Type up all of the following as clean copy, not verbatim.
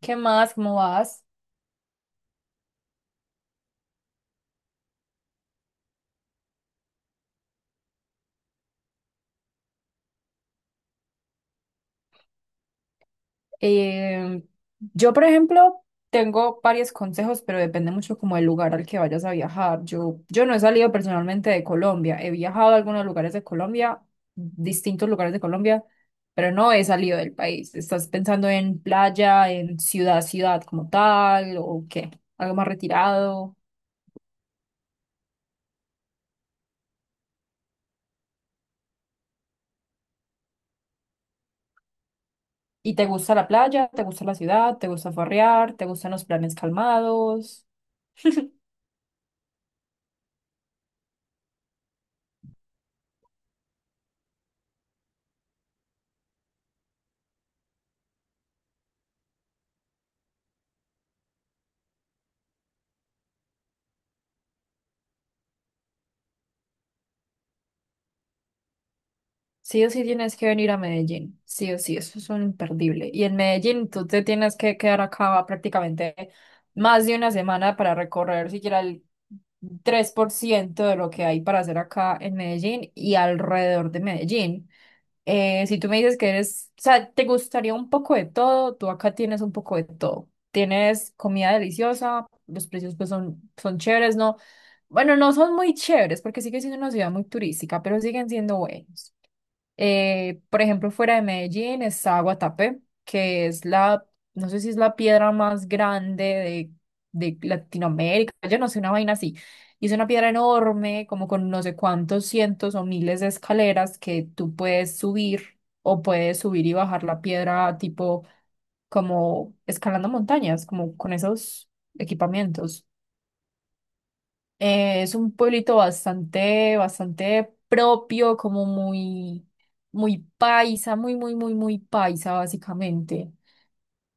¿Qué más? ¿Cómo vas? Eh, yo, por ejemplo, tengo varios consejos, pero depende mucho como del lugar al que vayas a viajar. Yo no he salido personalmente de Colombia. He viajado a algunos lugares de Colombia, distintos lugares de Colombia, pero no he salido del país. ¿Estás pensando en playa, en ciudad, ciudad como tal, o qué? ¿Algo más retirado? ¿Y te gusta la playa? ¿Te gusta la ciudad? ¿Te gusta farrear? ¿Te gustan los planes calmados? Sí o sí tienes que venir a Medellín, sí o sí, eso es un imperdible. Y en Medellín tú te tienes que quedar acá prácticamente más de una semana para recorrer siquiera el 3% de lo que hay para hacer acá en Medellín y alrededor de Medellín. Si tú me dices que eres, o sea, te gustaría un poco de todo, tú acá tienes un poco de todo. Tienes comida deliciosa, los precios pues son, chéveres, ¿no? Bueno, no son muy chéveres porque sigue siendo una ciudad muy turística, pero siguen siendo buenos. Por ejemplo, fuera de Medellín está Guatapé, que es la, no sé si es la piedra más grande de Latinoamérica, yo no sé, una vaina así. Y es una piedra enorme, como con no sé cuántos cientos o miles de escaleras que tú puedes subir o puedes subir y bajar la piedra tipo como escalando montañas, como con esos equipamientos. Es un pueblito bastante, bastante propio, como muy, muy paisa, muy, muy, muy, muy paisa, básicamente.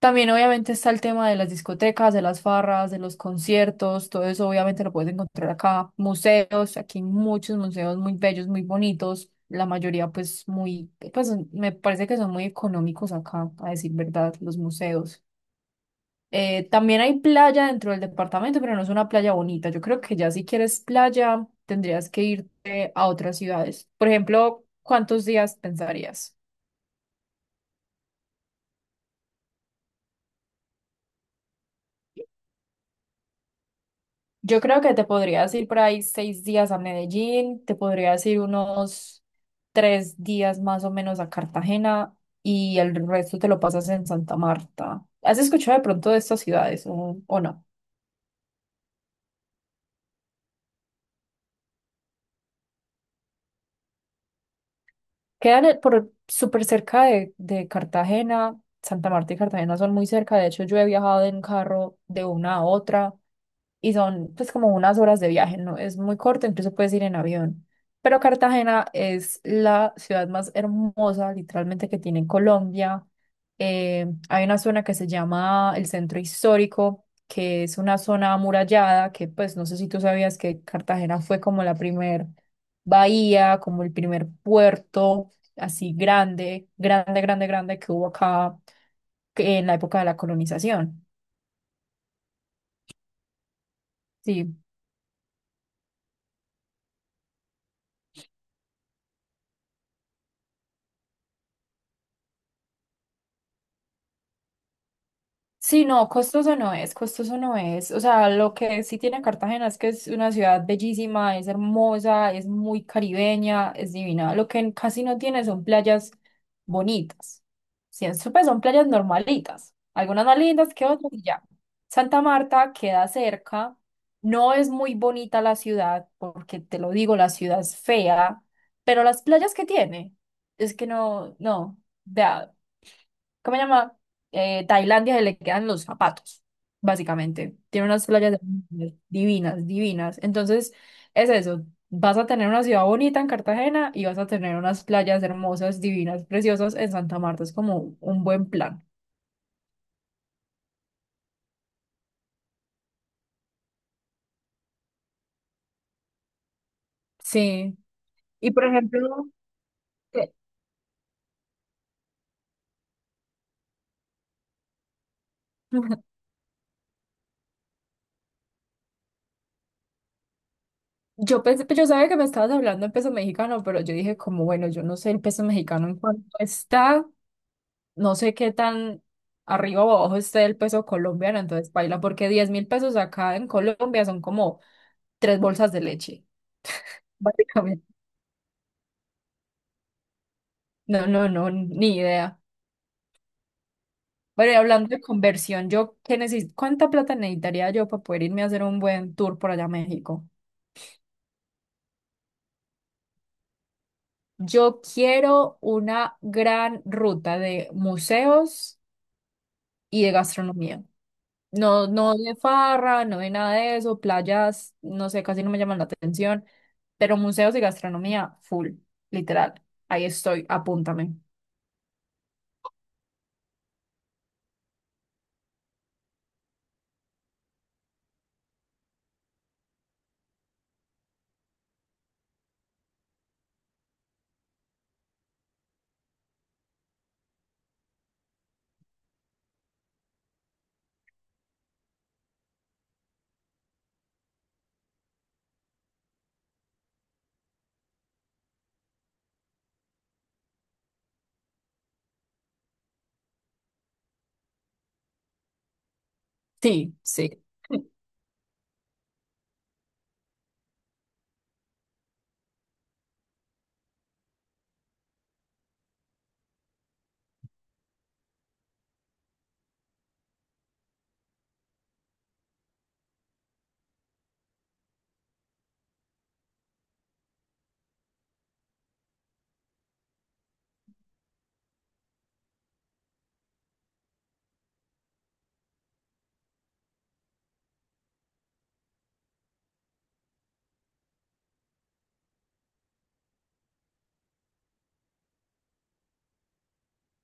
También obviamente está el tema de las discotecas, de las farras, de los conciertos, todo eso obviamente lo puedes encontrar acá. Museos, aquí hay muchos museos muy bellos, muy bonitos, la mayoría pues muy, pues me parece que son muy económicos acá, a decir verdad, los museos. También hay playa dentro del departamento, pero no es una playa bonita. Yo creo que ya si quieres playa, tendrías que irte a otras ciudades. Por ejemplo, ¿cuántos días pensarías? Yo creo que te podrías ir por ahí 6 días a Medellín, te podrías ir unos 3 días más o menos a Cartagena y el resto te lo pasas en Santa Marta. ¿Has escuchado de pronto de estas ciudades o no? Quedan por súper cerca de Cartagena. Santa Marta y Cartagena son muy cerca. De hecho, yo he viajado en carro de una a otra y son pues como unas horas de viaje, no es muy corto, incluso puedes ir en avión. Pero Cartagena es la ciudad más hermosa, literalmente, que tiene en Colombia. Hay una zona que se llama el Centro Histórico, que es una zona amurallada, que pues no sé si tú sabías que Cartagena fue como la primer bahía, como el primer puerto así grande, grande, grande, grande que hubo acá en la época de la colonización. Sí, sí, no, costoso no es, costoso no es. O sea, lo que sí tiene Cartagena es que es una ciudad bellísima, es hermosa, es muy caribeña, es divina. Lo que casi no tiene son playas bonitas. Sí, pues son playas normalitas, algunas más lindas que otras y ya. Santa Marta queda cerca, no es muy bonita la ciudad, porque te lo digo, la ciudad es fea, pero las playas que tiene, es que no, no. Vea, ¿cómo se llama? Tailandia se le quedan los zapatos, básicamente. Tiene unas playas divinas, divinas. Entonces, es eso. Vas a tener una ciudad bonita en Cartagena y vas a tener unas playas hermosas, divinas, preciosas en Santa Marta. Es como un buen plan. Sí. Y por ejemplo, que- yo pensé, pues, yo sabía que me estabas hablando en peso mexicano, pero yo dije como, bueno, yo no sé el peso mexicano en cuánto está. No sé qué tan arriba o abajo esté el peso colombiano, entonces paila, porque 10.000 pesos acá en Colombia son como tres bolsas de leche, básicamente. No, no, no, ni idea. Pero y hablando de conversión, yo qué necesito, ¿cuánta plata necesitaría yo para poder irme a hacer un buen tour por allá a México? Yo quiero una gran ruta de museos y de gastronomía. No, no de farra, no de nada de eso, playas, no sé, casi no me llaman la atención, pero museos y gastronomía, full, literal. Ahí estoy, apúntame. Sí, sí,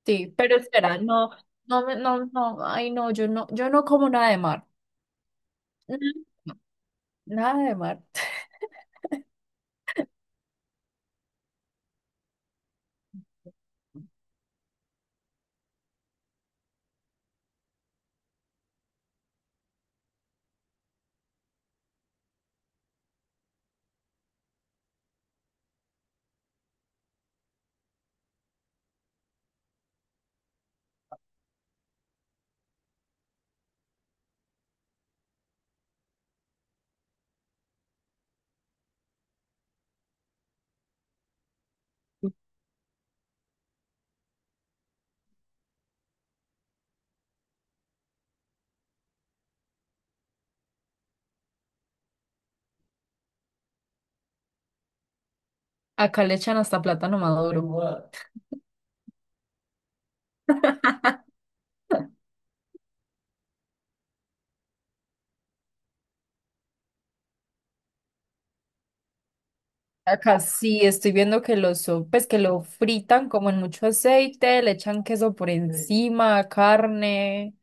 sí, pero espera, no, no, no, no, ay no, yo no como nada de mar. Mm. Nada de mar. Acá le echan hasta plátano maduro. What? Acá sí, estoy viendo pues que lo fritan como en mucho aceite, le echan queso por, sí, encima, carne,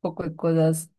poco de cosas.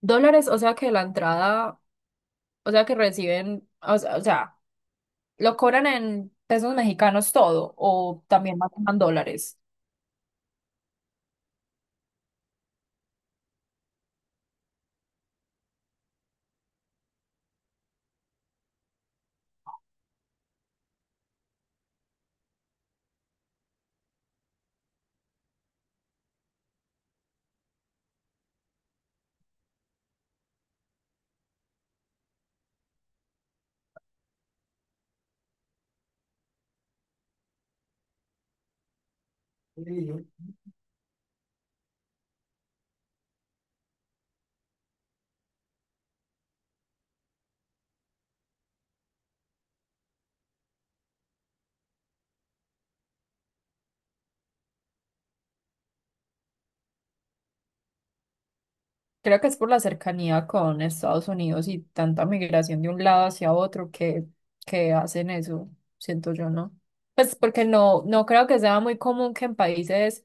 Dólares, o sea que la entrada, o sea que reciben, o sea, lo cobran en pesos mexicanos todo, o también manejan dólares. Creo que es por la cercanía con Estados Unidos y tanta migración de un lado hacia otro que hacen eso, siento yo, ¿no? Pues porque no, no creo que sea muy común que en países,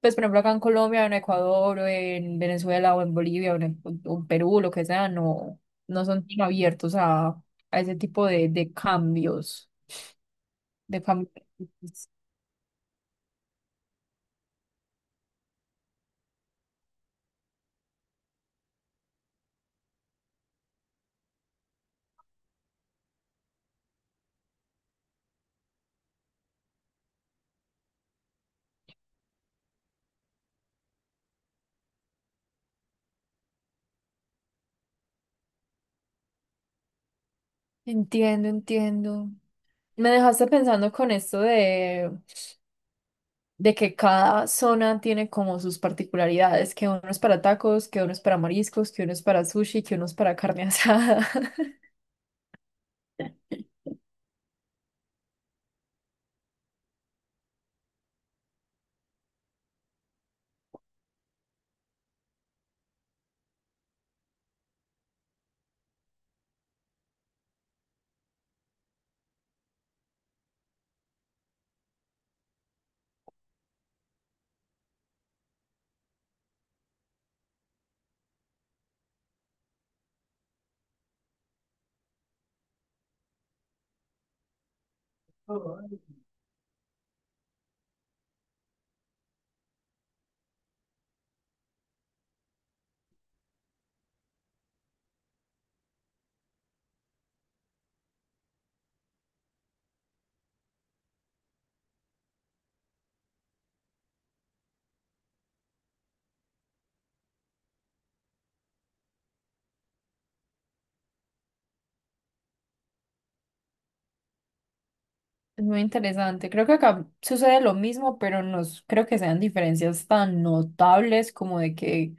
pues por ejemplo acá en Colombia, en Ecuador, o en Venezuela, o en Bolivia, o en Perú, lo que sea, no, no son tan abiertos a ese tipo de, cambios, de cambios. Entiendo, entiendo. Me dejaste pensando con esto de que cada zona tiene como sus particularidades, que uno es para tacos, que uno es para mariscos, que uno es para sushi, que uno es para carne asada. Es muy interesante. Creo que acá sucede lo mismo, pero no s- creo que sean diferencias tan notables como de que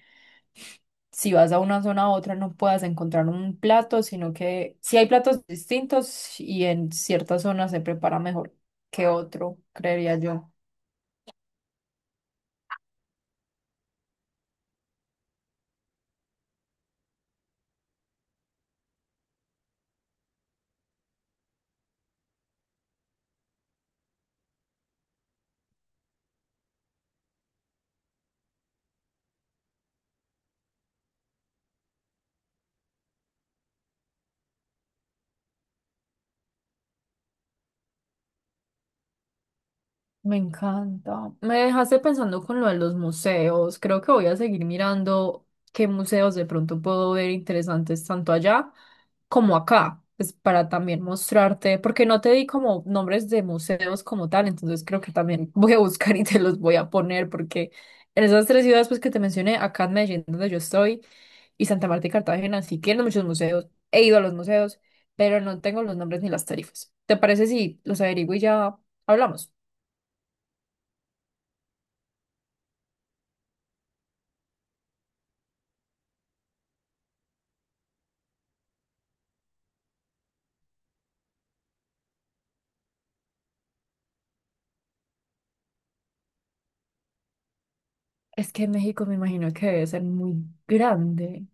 si vas a una zona a otra no puedas encontrar un plato, sino que sí hay platos distintos y en ciertas zonas se prepara mejor que otro, creería yo. Me encanta. Me dejaste pensando con lo de los museos. Creo que voy a seguir mirando qué museos de pronto puedo ver interesantes tanto allá como acá, pues para también mostrarte, porque no te di como nombres de museos como tal, entonces creo que también voy a buscar y te los voy a poner porque en esas tres ciudades pues que te mencioné, acá en Medellín donde yo estoy y Santa Marta y Cartagena, sí tienen muchos museos. He ido a los museos, pero no tengo los nombres ni las tarifas. ¿Te parece si los averiguo y ya hablamos? Es que en México me imagino que debe ser muy grande.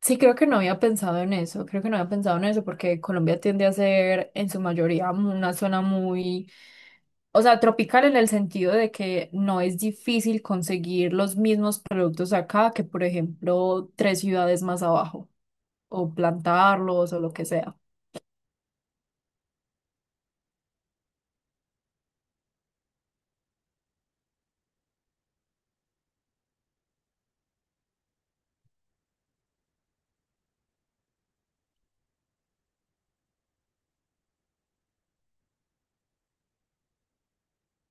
Sí, creo que no había pensado en eso, creo que no había pensado en eso porque Colombia tiende a ser en su mayoría una zona muy, o sea, tropical en el sentido de que no es difícil conseguir los mismos productos acá que, por ejemplo, tres ciudades más abajo o plantarlos o lo que sea.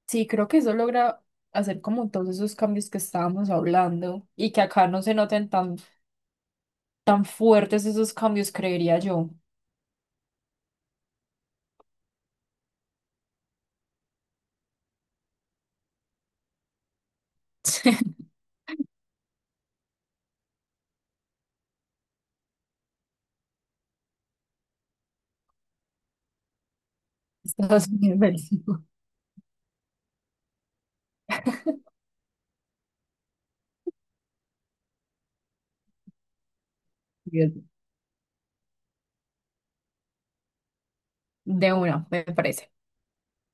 Sí, creo que eso logra hacer como todos esos cambios que estábamos hablando y que acá no se noten tan fuertes esos cambios, creería yo. Estados Unidos, Bélgica. De uno, me parece.